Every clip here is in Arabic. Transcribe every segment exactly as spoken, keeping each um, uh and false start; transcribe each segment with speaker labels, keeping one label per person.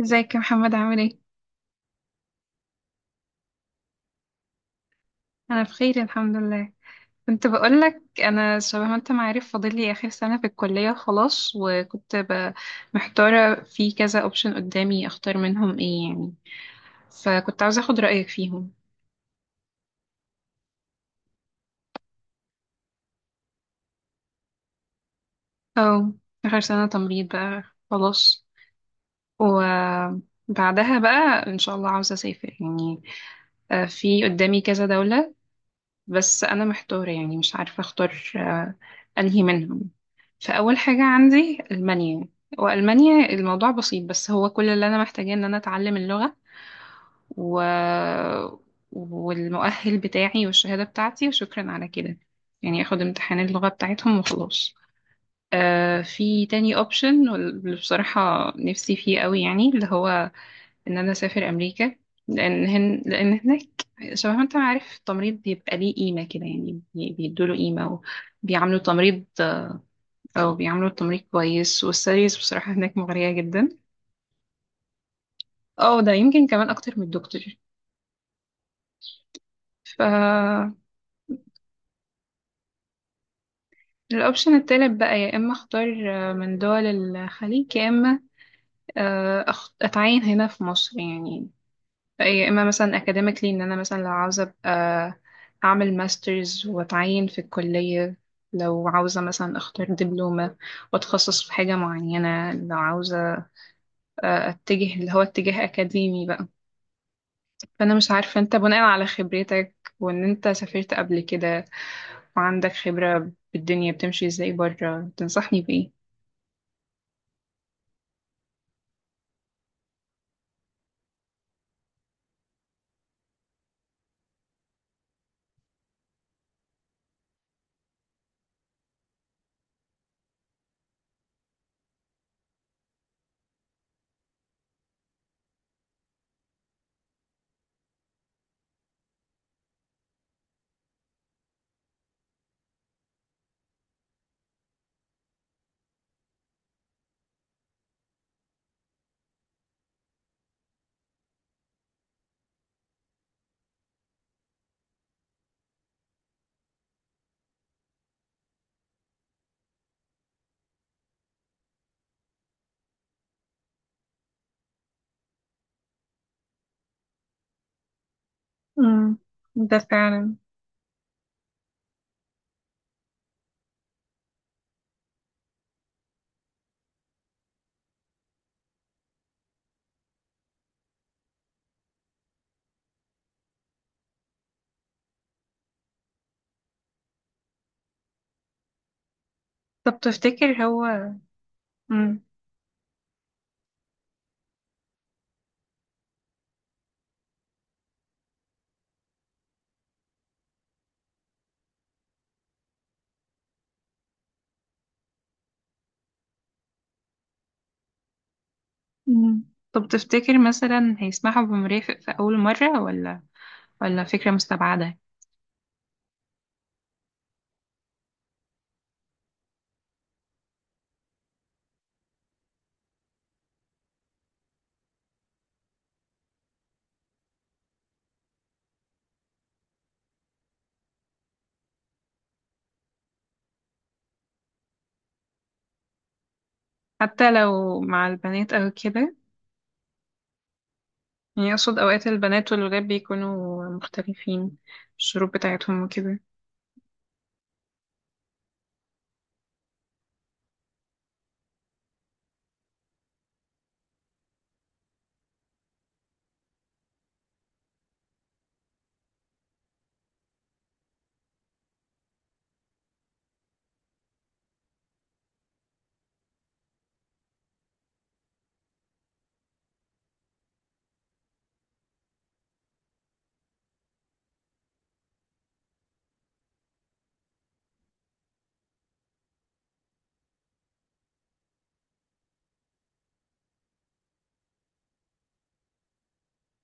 Speaker 1: ازيك يا محمد، عامل ايه؟ انا بخير الحمد لله. كنت بقولك انا شبه ما انت ما عارف، فاضل لي اخر سنة في الكلية خلاص، وكنت ب- محتارة في كذا اوبشن قدامي اختار منهم ايه يعني. فكنت عاوزة اخد رأيك فيهم. او اخر سنة تمريض بقى خلاص. وبعدها بقى ان شاء الله عاوزة اسافر يعني. آه، في قدامي كذا دولة. بس انا محتارة يعني مش عارفة اختار آه، انهي منهم. فأول حاجة عندي ألمانيا. وألمانيا الموضوع بسيط، بس هو كل اللي أنا محتاجاه إن أنا أتعلم اللغة و... والمؤهل بتاعي والشهادة بتاعتي وشكرا على كده. يعني أخد امتحان اللغة بتاعتهم وخلاص. آه في تاني أوبشن، واللي بصراحة نفسي فيه قوي يعني اللي هو إن أنا أسافر أمريكا. لأن هن... لأن هناك شبه ما أنت عارف التمريض بيبقى ليه قيمة كده يعني، بي- بيدوله قيمة، وبيعاملوا تمريض. او بيعملوا التمريض كويس، والسيريز بصراحة هناك مغرية جدا. اه ده يمكن كمان اكتر من الدكتور. ف الاوبشن التالت بقى، يا اما اختار آه، من دول الخليج، يا اما آه، أخ- اتعين هنا في مصر يعني. يا اما مثلا اكاديميكلي ان انا مثلا لو عاوزة ابقى اعمل ماسترز واتعين في الكلية، لو عاوزة مثلا اختار دبلومة واتخصص في حاجة معينة، لو عاوزة آه، اتجه اللي هو اتجاه اكاديمي بقى. فانا مش عارفه انت بناء على خبرتك وان انت سافرت قبل كده وعندك خبره بالدنيا بتمشي ازاي بره، تنصحني بايه؟ امم ده فعلا. طب تفتكر هو. مم. أمم. طب تفتكر مثلا هيسمحوا بمرافق في اول مره، ولا ولا فكره مستبعده؟ حتى لو مع البنات او كده؟ يعني اقصد اوقات البنات والولاد بيكونوا مختلفين في الشروط بتاعتهم وكده.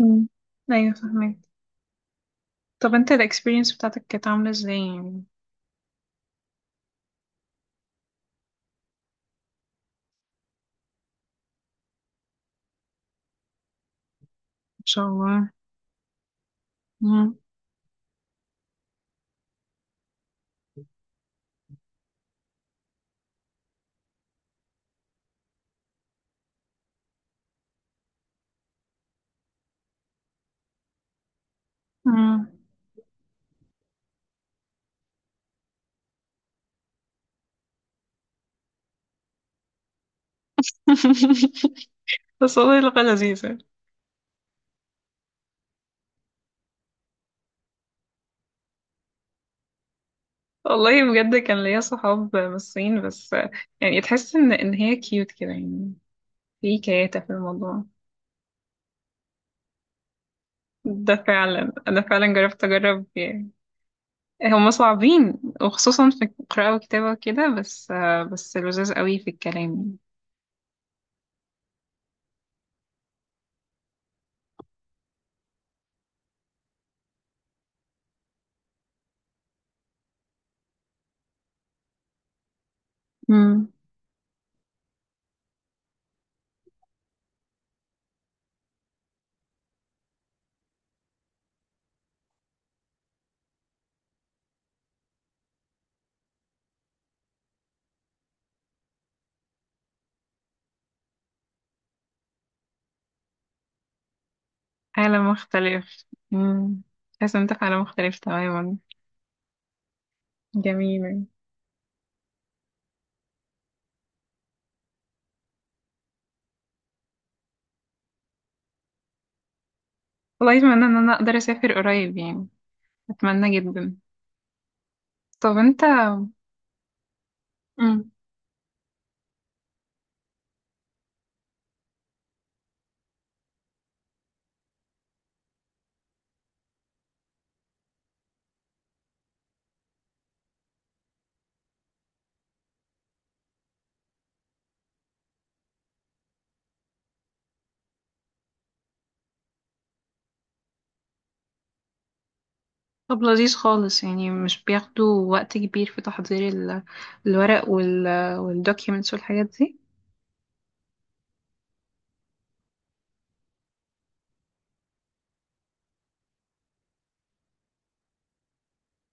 Speaker 1: أمم. ايوه فهمت. طب انت الاكسبيرينس بتاعتك كانت عامله ازاي يعني؟ شاء الله. مم. مم. بس والله لغة لذيذة. والله بجد كان ليا صحاب من الصين، بس يعني تحس ان ان هي كيوت كده يعني، في كياتة في الموضوع. ده فعلا انا فعلا جربت اجرب يعني. هم صعبين، وخصوصا في القراءة والكتابة وكده، بس بس لذاذ قوي في الكلام. امم عالم مختلف. امم. تحس إن انت في عالم مختلف تماما. جميل يعني. والله اتمنى ان انا اقدر اسافر قريب يعني، اتمنى جدا. طب انت. مم. طب لذيذ خالص يعني، مش بياخدوا وقت كبير في تحضير ال... الورق وال والدوكيومنتس والحاجات دي؟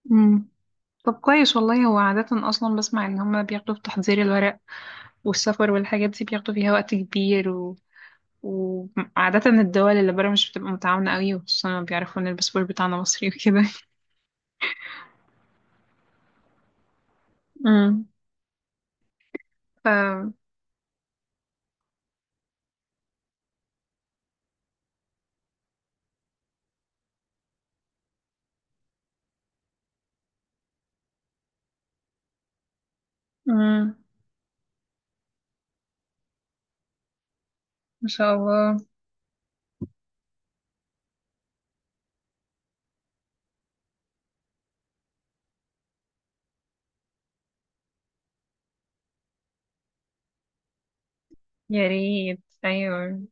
Speaker 1: مم. طب كويس والله. هو عادة أصلا بسمع إن هما بياخدوا في تحضير الورق والسفر والحاجات دي بياخدوا فيها وقت كبير و... وعادة الدول اللي برا مش بتبقى متعاونة قوي، وخصوصا لما بيعرفوا إن الباسبور بتاعنا مصري وكده. مم. ف. مم. ما شاء الله. يا ريت أيوة.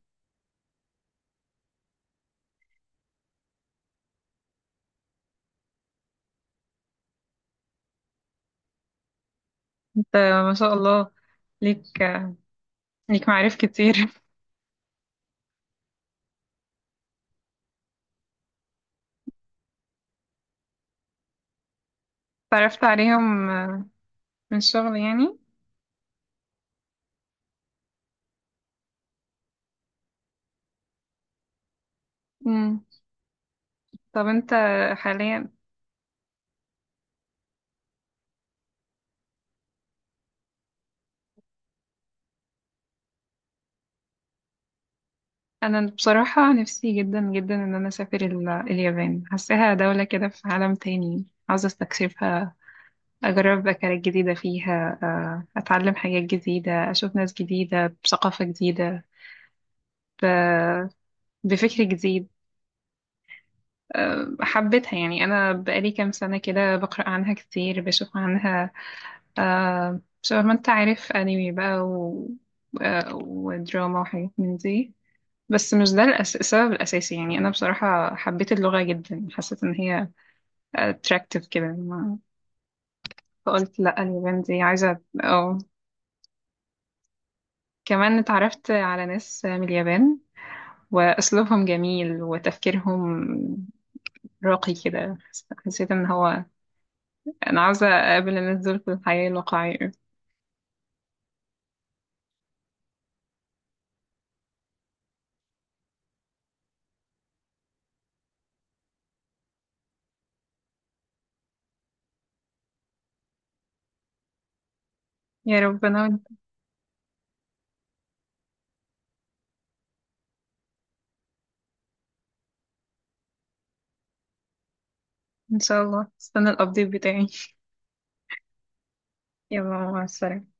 Speaker 1: انت ما شاء الله، ليك ليك معارف كتير تعرفت عليهم آه، من الشغل يعني. مم. طب انت حاليا. انا بصراحة نفسي جدا جدا ان انا اسافر ال- اليابان، حاساها دولة كده في عالم تاني، عاوزة استكشفها، اجرب اكلات جديدة فيها، آه، اتعلم حاجات جديدة، اشوف ناس جديدة بثقافة جديدة، ب- بفكر جديد. آه، حبيتها يعني، انا بقالي كام سنة كده بقرأ عنها كتير بشوف عنها. آه شبه ما انت عارف انمي بقى و... آه ودراما وحاجات من دي. بس مش ده الأس... السبب الأساسي يعني. أنا بصراحة حبيت اللغة جدا، حسيت إن هي attractive كده ما... فقلت لأ اليابان دي عايزة. اه كمان اتعرفت على ناس من اليابان، وأسلوبهم جميل وتفكيرهم راقي كده، حس- حسيت إن هو أنا عاوزة أقابل الناس دول في الحياة الواقعية. يا رب أنا وإنت. إن شاء الله استنى الأبديت بتاعي. يلا مع السلامة.